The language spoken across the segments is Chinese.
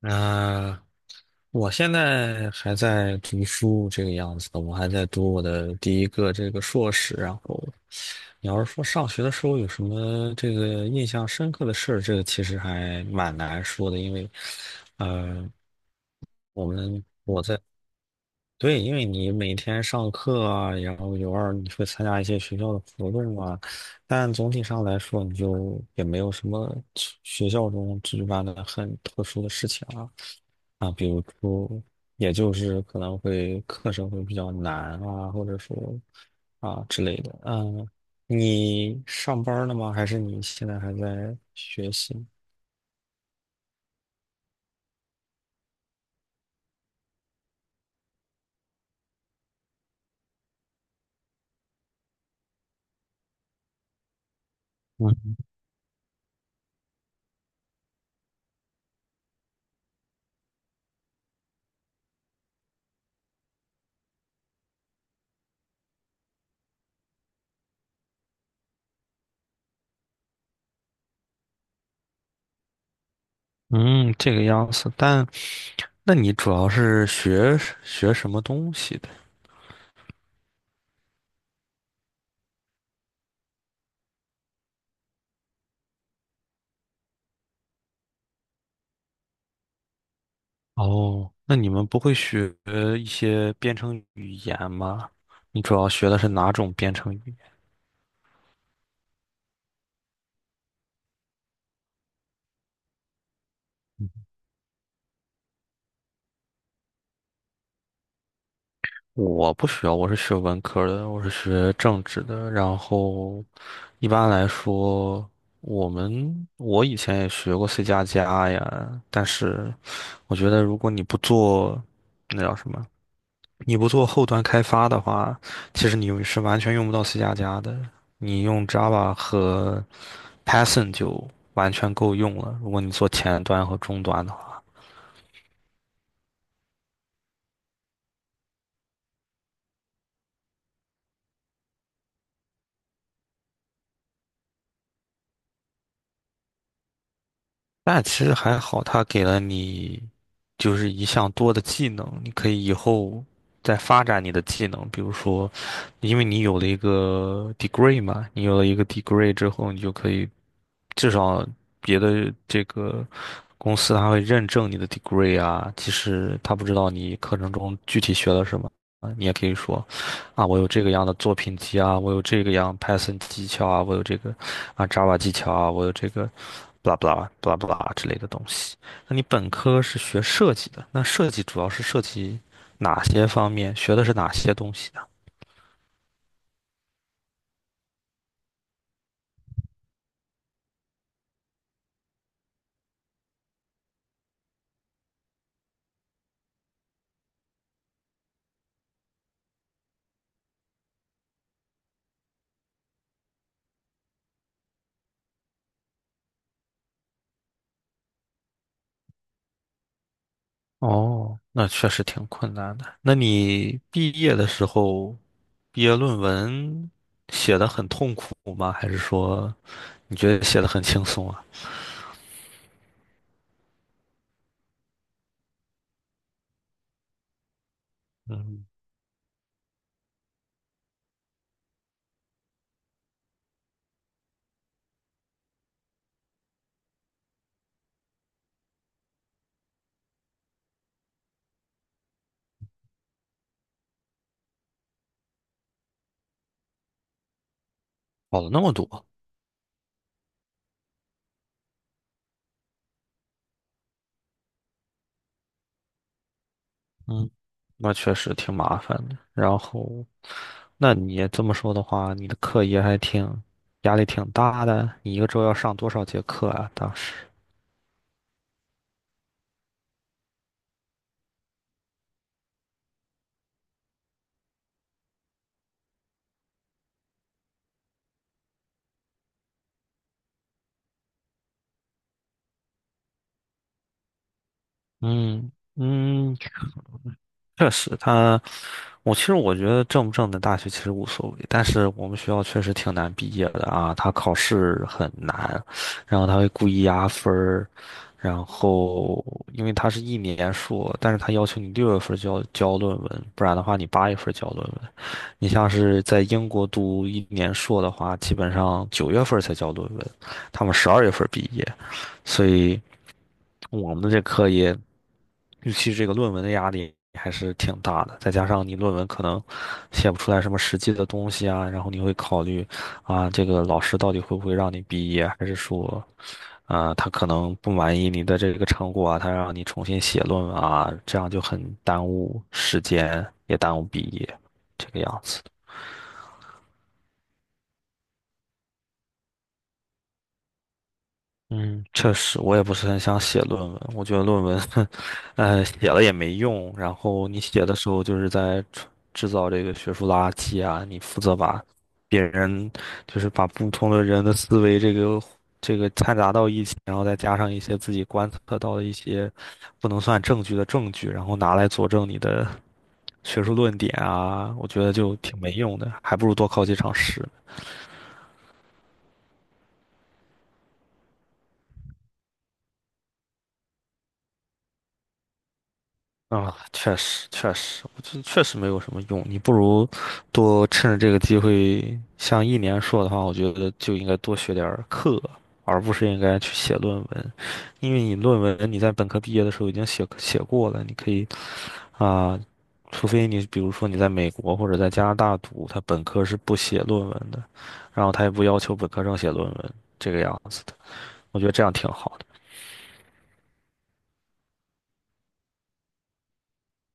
呃，我现在还在读书这个样子的，我还在读我的第一个这个硕士。然后，你要是说上学的时候有什么这个印象深刻的事儿，这个其实还蛮难说的，因为，呃，我们我在对，因为你每天上课啊，然后有你会参加一些学校的活动啊，但总体上来说，你就也没有什么学校中举办的很特殊的事情啊。啊，比如说，也就是可能会课程会比较难啊，或者说啊之类的。嗯，你上班儿了吗？还是你现在还在学习？嗯嗯，这个样子。但那你主要是学什么东西的？哦，那你们不会学一些编程语言吗？你主要学的是哪种编程语？我不需要，我是学文科的，我是学政治的。然后，一般来说，我以前也学过 C 加加呀，但是我觉得如果你不做那叫什么，你不做后端开发的话，其实你是完全用不到 C 加加的。你用 Java 和 Python 就完全够用了。如果你做前端和终端的话。但其实还好，他给了你就是一项多的技能，你可以以后再发展你的技能。比如说，因为你有了一个 degree 嘛，你有了一个 degree 之后，你就可以至少别的这个公司它会认证你的 degree 啊。其实他不知道你课程中具体学了什么，啊，你也可以说。啊，我有这个样的作品集啊，我有这个样 Python 技巧啊，我有这个啊 Java 技巧啊，我有这个 blah blah blah blah 之类的东西。那你本科是学设计的，那设计主要是涉及哪些方面？学的是哪些东西呢？哦，那确实挺困难的。那你毕业的时候，毕业论文写的很痛苦吗？还是说你觉得写的很轻松啊？嗯，跑了那么多。嗯，那确实挺麻烦的。然后，那你也这么说的话，你的课业还挺压力挺大的。你一个周要上多少节课啊？当时，嗯嗯，确实，他，我其实我觉得正不正的大学其实无所谓，但是我们学校确实挺难毕业的啊，他考试很难，然后他会故意压分儿，然后因为他是一年硕，但是他要求你6月份就要交论文，不然的话你8月份交论文。你像是在英国读一年硕的话，基本上九月份才交论文，他们12毕业，所以。我们的这课业，尤其是这个论文的压力还是挺大的，再加上你论文可能写不出来什么实际的东西啊，然后你会考虑啊，这个老师到底会不会让你毕业，还是说，啊，他可能不满意你的这个成果啊，他让你重新写论文啊，这样就很耽误时间，也耽误毕业，这个样子。嗯，确实，我也不是很想写论文。我觉得论文，写了也没用。然后你写的时候，就是在制造这个学术垃圾啊。你负责把别人，就是把不同的人的思维，这个掺杂到一起，然后再加上一些自己观测到的一些不能算证据的证据，然后拿来佐证你的学术论点啊。我觉得就挺没用的，还不如多考几场试。啊，确实确实，我觉得确实没有什么用。你不如多趁着这个机会，像一年硕的话，我觉得就应该多学点儿课，而不是应该去写论文。因为你论文你在本科毕业的时候已经写过了，你可以啊，除非你比如说你在美国或者在加拿大读，他本科是不写论文的，然后他也不要求本科生写论文这个样子的，我觉得这样挺好的。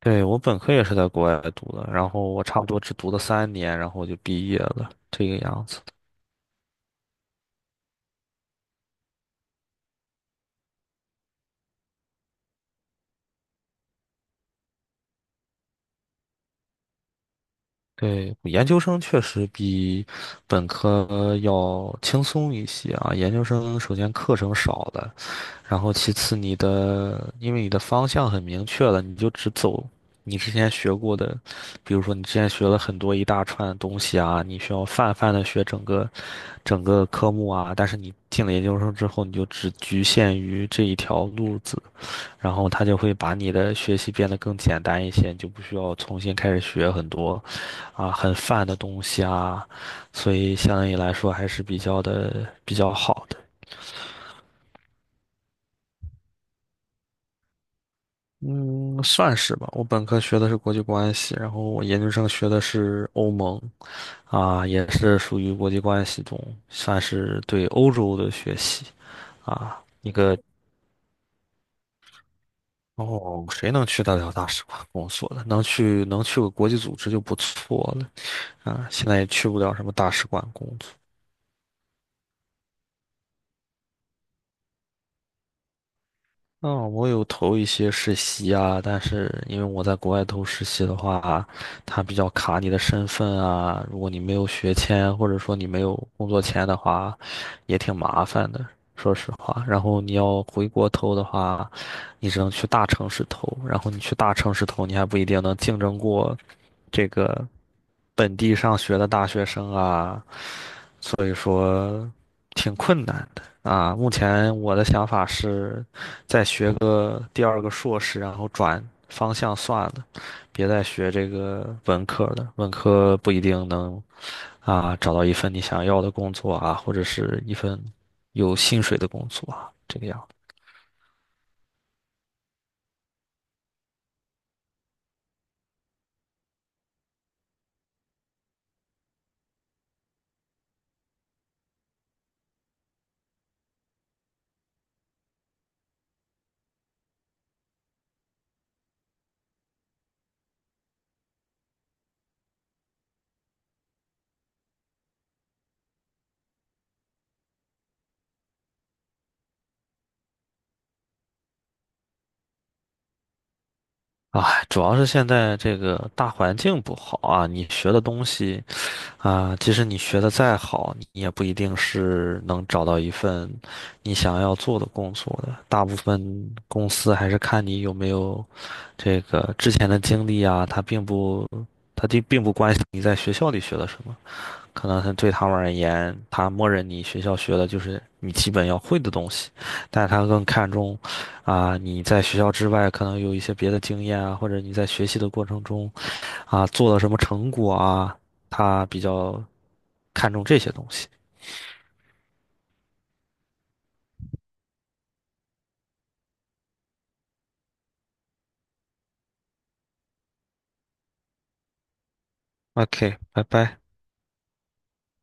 对，我本科也是在国外读的，然后我差不多只读了3年，然后我就毕业了，这个样子。对，研究生确实比本科要轻松一些啊。研究生首先课程少了，然后其次你的，因为你的方向很明确了，你就只走你之前学过的，比如说你之前学了很多一大串东西啊，你需要泛泛的学整个科目啊，但是你进了研究生之后，你就只局限于这一条路子。然后他就会把你的学习变得更简单一些，你就不需要重新开始学很多啊很泛的东西啊，所以相对于来说还是比较好的。嗯，算是吧。我本科学的是国际关系，然后我研究生学的是欧盟，啊，也是属于国际关系中，算是对欧洲的学习啊，一个哦，谁能去得了大使馆工作呢？能去个国际组织就不错了啊！现在也去不了什么大使馆工作。嗯，我有投一些实习啊，但是因为我在国外投实习的话，它比较卡你的身份啊。如果你没有学签，或者说你没有工作签的话，也挺麻烦的，说实话。然后你要回国投的话，你只能去大城市投，然后你去大城市投，你还不一定能竞争过这个本地上学的大学生啊，所以说挺困难的啊。目前我的想法是。再学个第二个硕士，然后转方向算了，别再学这个文科的，文科不一定能啊找到一份你想要的工作啊，或者是一份有薪水的工作啊，这个样子。哎主要是现在这个大环境不好啊，你学的东西啊，即使你学的再好，你也不一定是能找到一份你想要做的工作的。大部分公司还是看你有没有这个之前的经历啊，他并不，他并不关心你在学校里学了什么，可能它对他们而言，他默认你学校学的就是你基本要会的东西，但是他更看重，啊、你在学校之外可能有一些别的经验啊，或者你在学习的过程中啊、做了什么成果啊，他比较看重这些东西。OK，拜拜。